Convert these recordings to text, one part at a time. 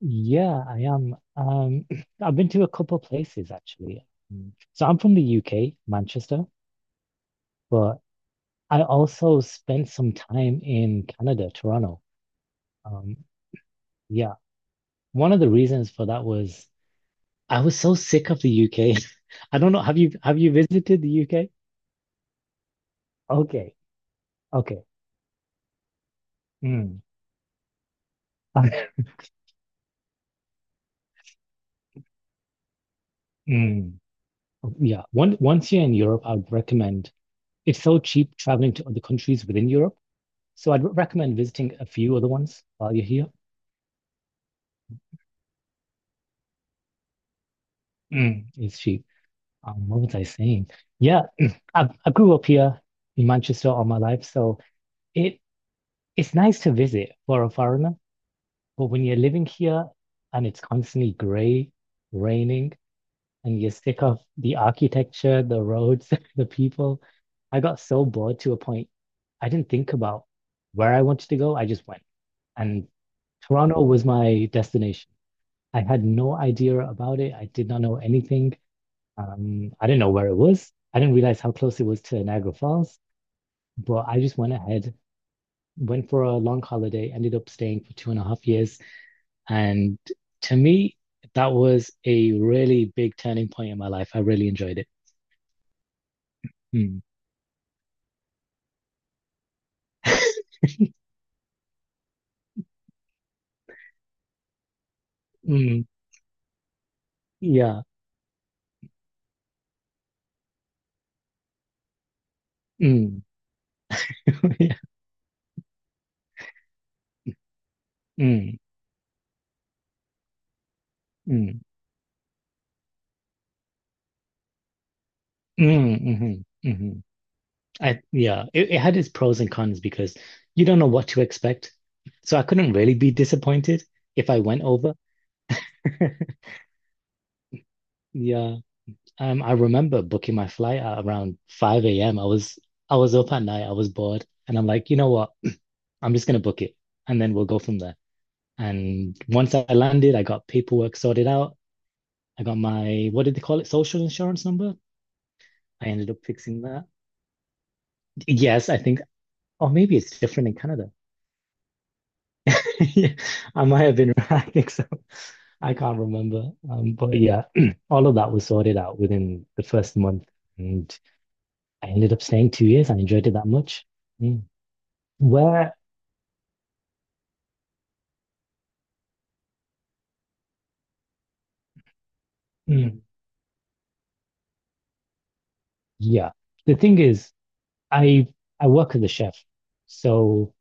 Yeah, I am. I've been to a couple places actually. Mm. So I'm from the UK, Manchester, but I also spent some time in Canada, Toronto. Um, yeah, one of the reasons for that was I was so sick of the UK. I don't know. Have you visited the UK? Okay, okay. Mm. Mm. Yeah. Once you're in Europe, I would recommend it's so cheap traveling to other countries within Europe. So I'd recommend visiting a few other ones while you're here. Mm, it's cheap. What was I saying? Yeah, I grew up here in Manchester all my life, so it it's nice to visit for a foreigner. But when you're living here and it's constantly grey, raining, and you're sick of the architecture, the roads, the people, I got so bored to a point I didn't think about where I wanted to go. I just went, and Toronto was my destination. I had no idea about it. I did not know anything. I didn't know where it was. I didn't realize how close it was to Niagara Falls, but I just went ahead, went for a long holiday, ended up staying for 2.5 years. And to me, that was a really big turning point in my life. I really enjoyed it. Mm. Mm. Yeah. Mm. Yeah. Mm. Mm. Mm, hmm, hmm. Yeah, it had its pros and cons because you don't know what to expect. So I couldn't really be disappointed if I went over. Yeah. I remember booking my flight at around 5 a.m. I was up at night, I was bored, and I'm like, you know what? I'm just gonna book it and then we'll go from there. And once I landed, I got paperwork sorted out. I got my, what did they call it? Social insurance number. I ended up fixing that. Yes, I think, or maybe it's different in Canada. Yeah, I might have been right. I think so. I can't remember. But yeah, all of that was sorted out within the first month. And I ended up staying 2 years. I enjoyed it that much. Mm. Where, mm, yeah. The thing is, I I work as a chef, so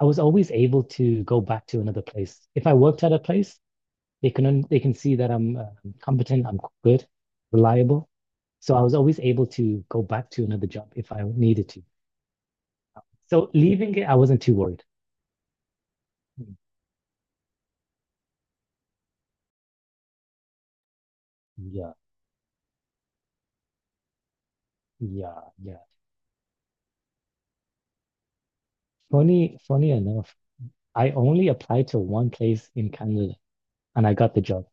I was always able to go back to another place. If I worked at a place, they can see that I'm competent, I'm good, reliable. So I was always able to go back to another job if I needed to. So leaving it, I wasn't too worried. Mm. Yeah, yeah, yeah. Funny enough, I only applied to one place in Canada and I got the job.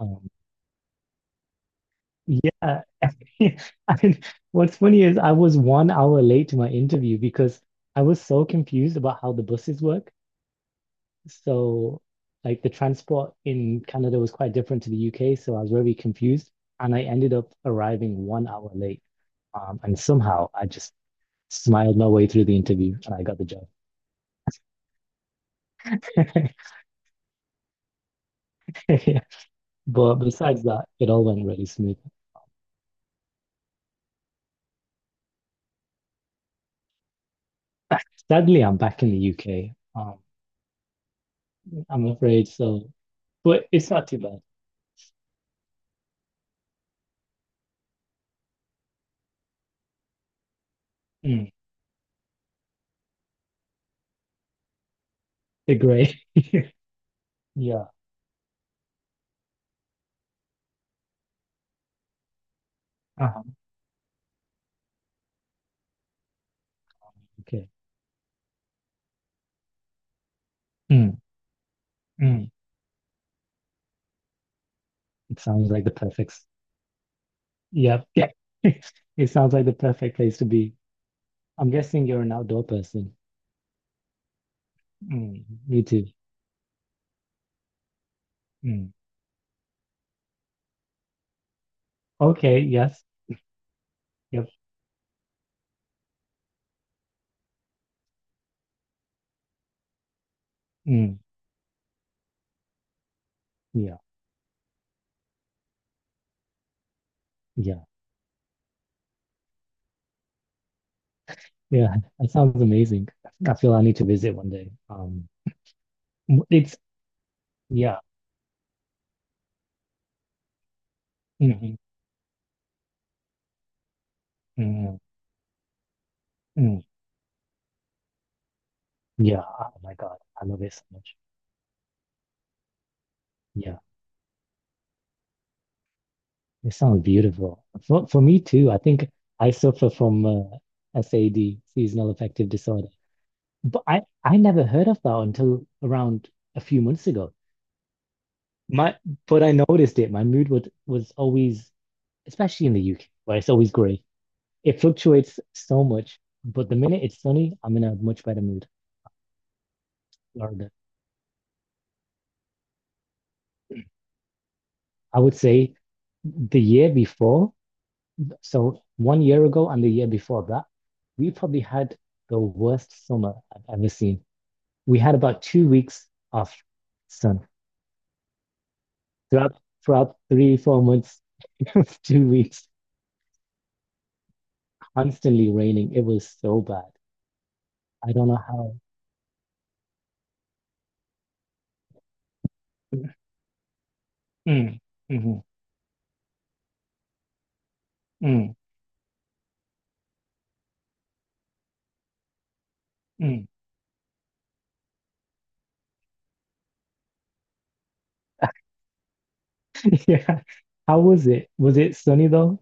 Um, yeah. Yeah, I mean, what's funny is I was 1 hour late to my interview because I was so confused about how the buses work. So, like, the transport in Canada was quite different to the UK. So, I was very confused. And I ended up arriving 1 hour late. And somehow I just smiled my way through the interview and I got the job. Yeah. But besides that, it all went really smooth. Sadly, I'm back in the UK. Um, I'm afraid so, but it's not too bad. Mm, the grey. Yeah. Uh-huh. Okay. Mm, mm. It sounds like the perfect. Yep. Yeah. It sounds like the perfect place to be. I'm guessing you're an outdoor person. Mm, me too. Mm. Okay. Yes. Yep. Mm. Yeah. Yeah. Yeah. That sounds amazing. I feel I need to visit one day. It's yeah. Mm-hmm. Mm-hmm. Mm. Yeah. Oh my God. I love it so much. Yeah. It sounds beautiful. For me too. I think I suffer from SAD, seasonal affective disorder. But I never heard of that until around a few months ago. My, but I noticed it. My mood would was always, especially in the UK, where it's always grey. It fluctuates so much, but the minute it's sunny, I'm in a much better mood. Or the- I would say the year before, so 1 year ago and the year before that, we probably had the worst summer I've ever seen. We had about 2 weeks of sun throughout throughout three, 4 months, 2 weeks, constantly raining. It was so bad. I don't know how. Mm, mm, mm, mm. Yeah. How was it? Was it sunny though?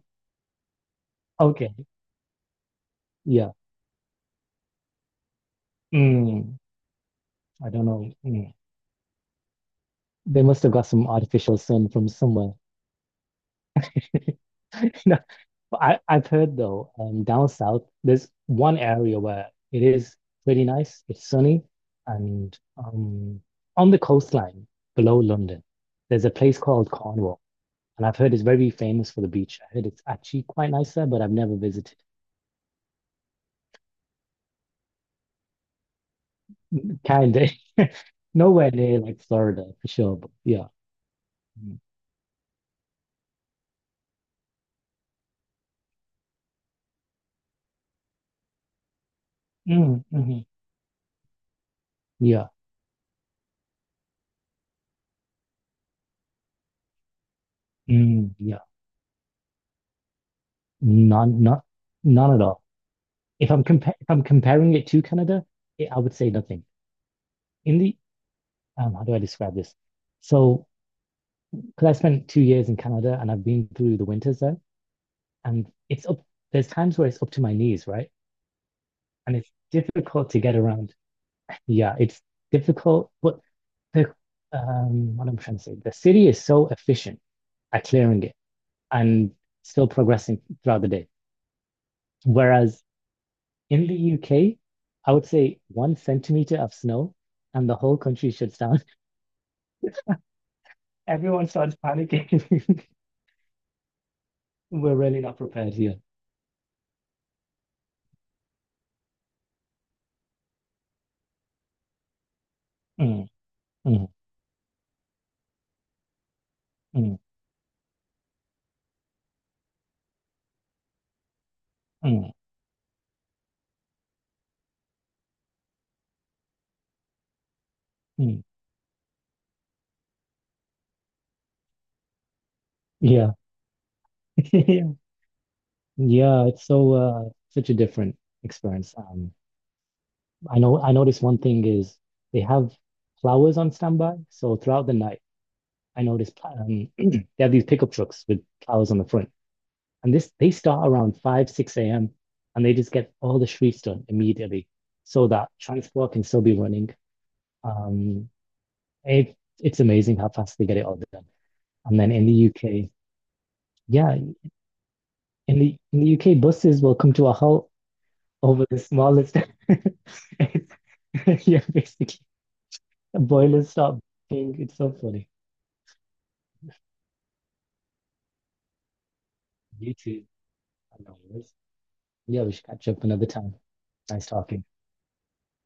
Okay. Yeah. Mm. I don't know. Mm. They must have got some artificial sun from somewhere. No, but I've heard though, down south, there's one area where it is pretty nice. It's sunny, and on the coastline below London, there's a place called Cornwall. And I've heard it's very famous for the beach. I heard it's actually quite nice there, but I've never visited. Kind of nowhere near like Florida for sure. But yeah. Mm, mhm. Yeah. Mm, yeah. None, not, none at all. If I'm comparing it to Canada, it, I would say nothing. In the, how do I describe this? So, because I spent 2 years in Canada and I've been through the winters there, and there's times where it's up to my knees, right? And it's difficult to get around. Yeah, it's difficult. But the what I'm trying to say, the city is so efficient at clearing it and still progressing throughout the day. Whereas in the UK, I would say 1 centimeter of snow and the whole country shuts down. Everyone starts panicking. We're really not prepared here. Mm, mm, mm, mm, mm. Yeah. Yeah, it's so such a different experience. I know I noticed one thing is they have flowers on standby. So throughout the night, I noticed they have these pickup trucks with flowers on the front. And this they start around 5, 6 a.m. and they just get all the streets done immediately so that transport can still be running. Um, it's amazing how fast they get it all done. And then in the UK, yeah, in the UK, buses will come to a halt over the smallest. It's, yeah, basically, boilers stop being. It's so funny. You too. I know. Yeah, we should catch up another time. Nice talking.